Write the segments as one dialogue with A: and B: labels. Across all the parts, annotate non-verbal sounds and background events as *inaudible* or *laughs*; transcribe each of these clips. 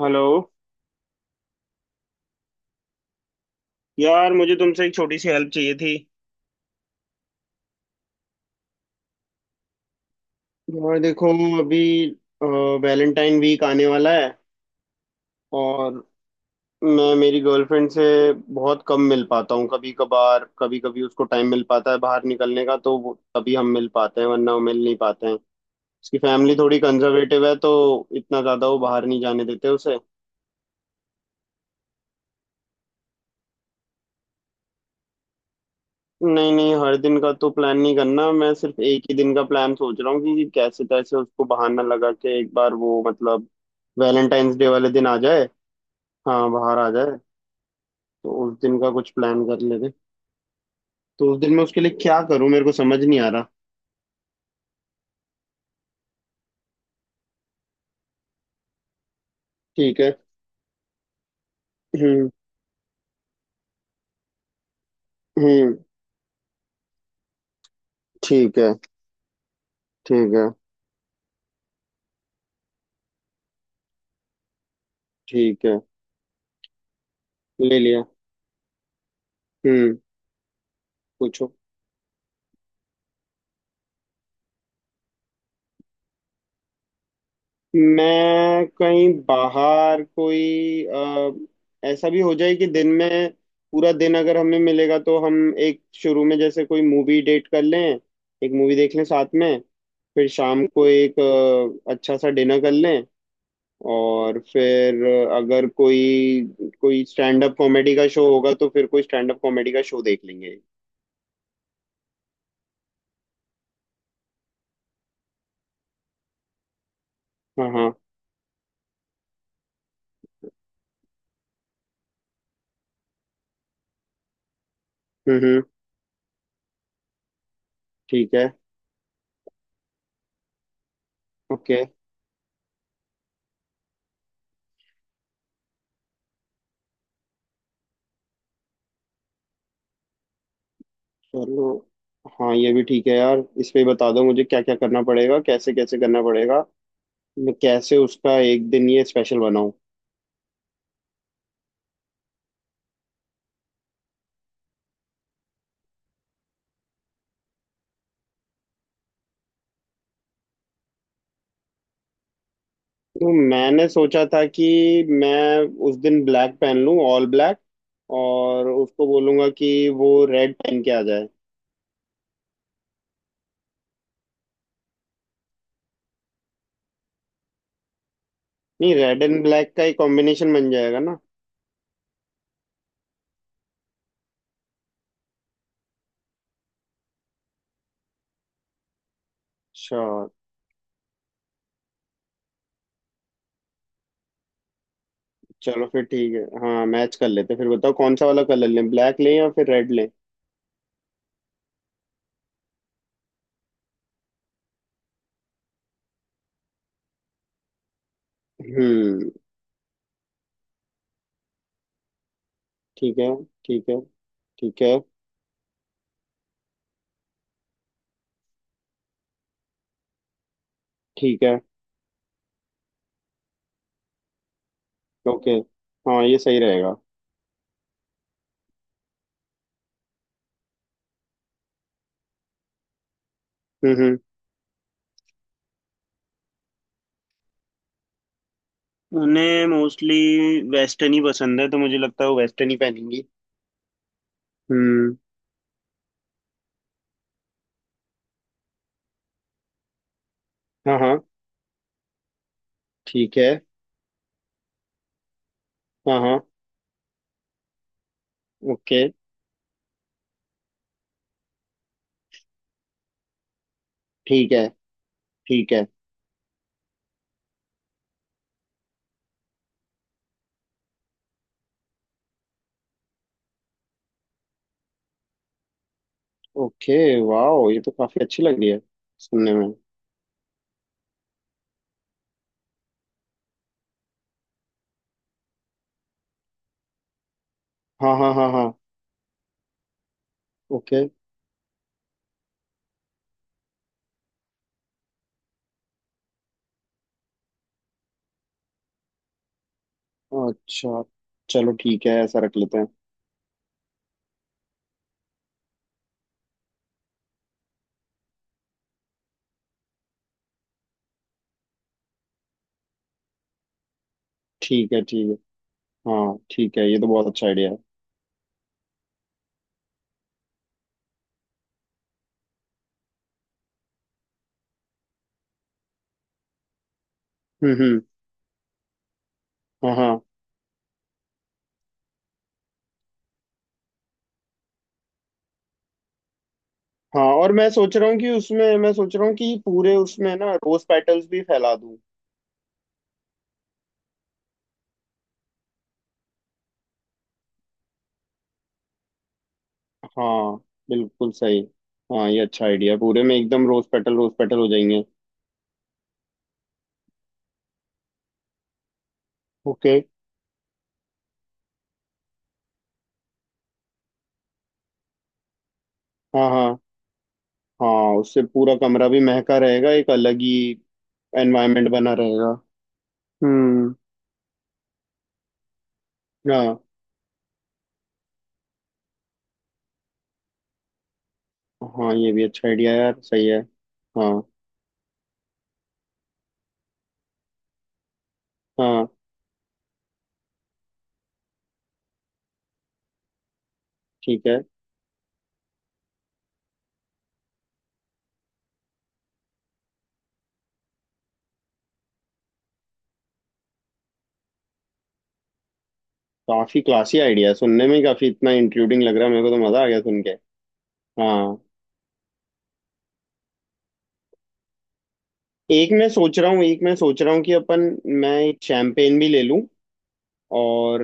A: Hello. यार मुझे तुमसे एक छोटी सी हेल्प चाहिए थी। यार देखो, अभी वैलेंटाइन वीक आने वाला है और मैं मेरी गर्लफ्रेंड से बहुत कम मिल पाता हूँ। कभी कभार कभी कभी उसको टाइम मिल पाता है बाहर निकलने का तो तभी हम मिल पाते हैं, वरना वो मिल नहीं पाते हैं। उसकी फैमिली थोड़ी कंजर्वेटिव है, तो इतना ज़्यादा वो बाहर नहीं जाने देते उसे। नहीं नहीं, हर दिन का तो प्लान नहीं करना, मैं सिर्फ एक ही दिन का प्लान सोच रहा हूँ कि कैसे तैसे उसको बहाना लगा के एक बार वो, मतलब वैलेंटाइंस डे वाले दिन आ जाए। हाँ, बाहर आ जाए। तो उस दिन का कुछ प्लान कर लेते। तो उस दिन मैं उसके लिए क्या करूँ, मेरे को समझ नहीं आ रहा। ठीक है। हम्म। हम्म। ठीक है। ठीक है। ठीक है। ले लिया। हम्म। पूछो। मैं कहीं बाहर कोई ऐसा भी हो जाए कि दिन में, पूरा दिन अगर हमें मिलेगा तो हम एक शुरू में जैसे कोई मूवी डेट कर लें, एक मूवी देख लें साथ में। फिर शाम को एक अच्छा सा डिनर कर लें। और फिर अगर कोई कोई स्टैंड अप कॉमेडी का शो होगा तो फिर कोई स्टैंड अप कॉमेडी का शो देख लेंगे। हाँ हाँ। हम्म हम्म, ठीक है। ओके। चलो। हाँ ये भी ठीक है यार, इस पे बता दो मुझे क्या क्या करना पड़ेगा, कैसे कैसे करना पड़ेगा। मैं कैसे उसका एक दिन ये स्पेशल बनाऊं। तो मैंने सोचा था कि मैं उस दिन ब्लैक पहन लूं, ऑल ब्लैक। और उसको बोलूंगा कि वो रेड पहन के आ जाए। नहीं, रेड एंड ब्लैक का ही कॉम्बिनेशन बन जाएगा ना। अच्छा। चलो फिर ठीक है, हाँ मैच कर लेते हैं। फिर बताओ कौन सा वाला कलर लें, ब्लैक लें या फिर रेड लें। हम्म। ठीक है। ठीक है। ठीक है। ठीक है। ओके। हाँ ये सही रहेगा। हम्म। उन्हें मोस्टली वेस्टर्न ही पसंद है, तो मुझे लगता है वो वेस्टर्न ही पहनेंगी। हम्म। हाँ हाँ। ठीक है। हाँ हाँ। ओके। ठीक है। ठीक है। ओके। वाह, ये तो काफी अच्छी लग रही है सुनने में। हाँ हाँ हाँ हाँ। ओके। अच्छा। चलो ठीक है, ऐसा रख लेते हैं। ठीक है। ठीक है। हाँ ठीक है, ये तो बहुत अच्छा आइडिया है। हम्म। हाँ हाँ। हाँ। और मैं सोच रहा हूँ कि पूरे उसमें ना रोज पेटल्स भी फैला दूँ। हाँ। बिल्कुल सही। हाँ ये अच्छा आइडिया, पूरे में एकदम रोज पेटल हो जाएंगे। ओके। हाँ हाँ। हाँ उससे पूरा कमरा भी महका रहेगा, एक अलग ही एनवायरनमेंट बना रहेगा। हम्म। हाँ हाँ ये भी अच्छा आइडिया यार, सही है। हाँ। हाँ। ठीक है। काफी क्लासी आइडिया है, सुनने में ही काफी इतना इंट्रूडिंग लग रहा है मेरे को, तो मजा आ गया सुन के। हाँ। एक मैं सोच रहा हूँ एक मैं सोच रहा हूँ कि अपन, मैं एक शैम्पेन भी ले लूँ। और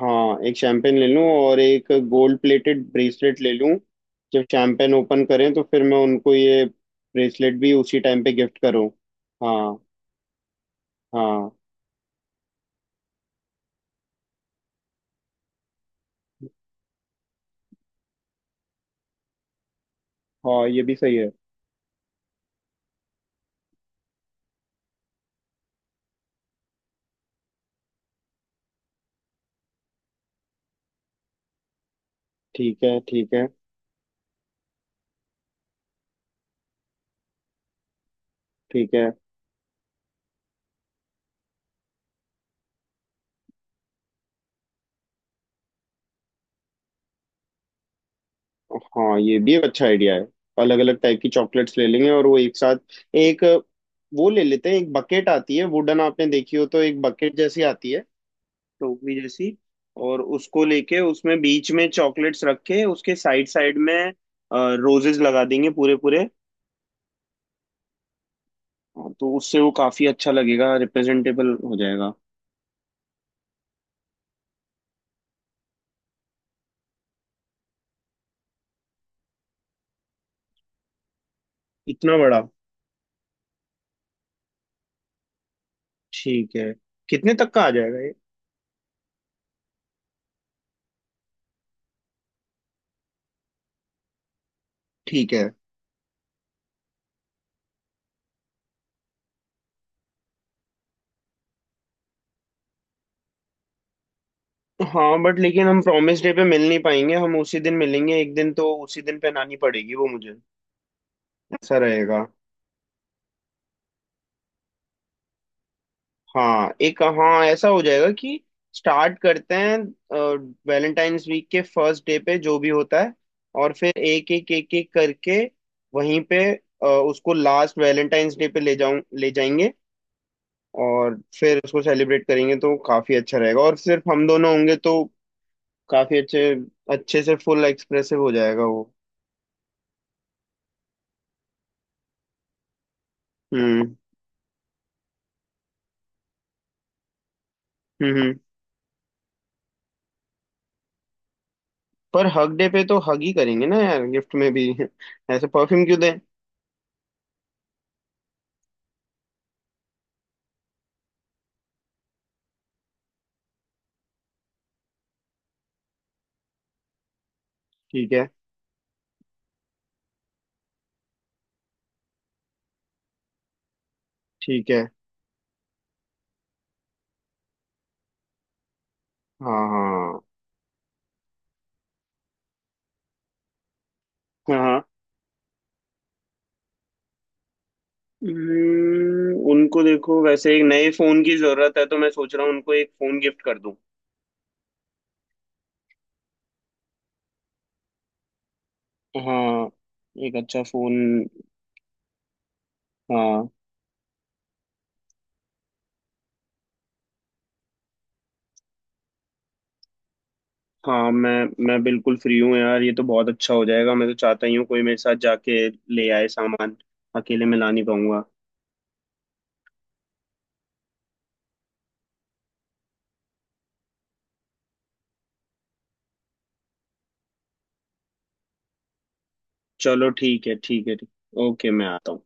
A: हाँ, एक शैंपेन ले लूँ और एक गोल्ड प्लेटेड ब्रेसलेट ले लूँ। जब शैंपेन ओपन करें तो फिर मैं उनको ये ब्रेसलेट भी उसी टाइम पे गिफ्ट करूँ। हाँ। हाँ। हाँ ये भी सही है। ठीक है। ठीक है। ठीक है। हाँ ये भी एक अच्छा आइडिया है, अलग अलग टाइप की चॉकलेट्स ले लेंगे और वो एक साथ, एक वो ले लेते हैं, एक बकेट आती है वुडन, आपने देखी हो तो, एक बकेट जैसी आती है टोकरी जैसी। और उसको लेके उसमें बीच में चॉकलेट्स रख के उसके साइड साइड में रोजेस लगा देंगे पूरे पूरे। हाँ, तो उससे वो काफी अच्छा लगेगा, रिप्रेजेंटेबल हो जाएगा। इतना बड़ा? ठीक है। कितने तक का आ जाएगा ये? ठीक है। हाँ बट लेकिन हम प्रॉमिस डे पे मिल नहीं पाएंगे, हम उसी दिन मिलेंगे, एक दिन, तो उसी दिन पहनानी पड़ेगी वो मुझे। ऐसा रहेगा। हाँ, एक हाँ ऐसा हो जाएगा कि स्टार्ट करते हैं वैलेंटाइंस वीक के फर्स्ट डे पे, जो भी होता है, और फिर एक एक एक एक करके वहीं पे उसको लास्ट वैलेंटाइंस डे पे ले जाएंगे। और फिर उसको सेलिब्रेट करेंगे तो काफी अच्छा रहेगा, और सिर्फ हम दोनों होंगे तो काफी अच्छे, अच्छे से फुल एक्सप्रेसिव हो जाएगा वो। हम्म। हम्म। हम्म। पर हग डे पे तो हग ही करेंगे ना यार, गिफ्ट में भी *laughs* ऐसे परफ्यूम क्यों दें? ठीक है। ठीक है। हाँ हाँ हाँ। उनको देखो, वैसे एक नए फोन की जरूरत है, तो मैं सोच रहा हूँ उनको एक फोन गिफ्ट कर दूं। हाँ, एक अच्छा फोन। हाँ हाँ, मैं बिल्कुल फ्री हूँ यार, ये तो बहुत अच्छा हो जाएगा, मैं तो चाहता ही हूँ कोई मेरे साथ जाके ले आए सामान, अकेले मैं ला नहीं पाऊंगा। चलो ठीक है। ठीक है। ठीक। ओके, मैं आता हूँ।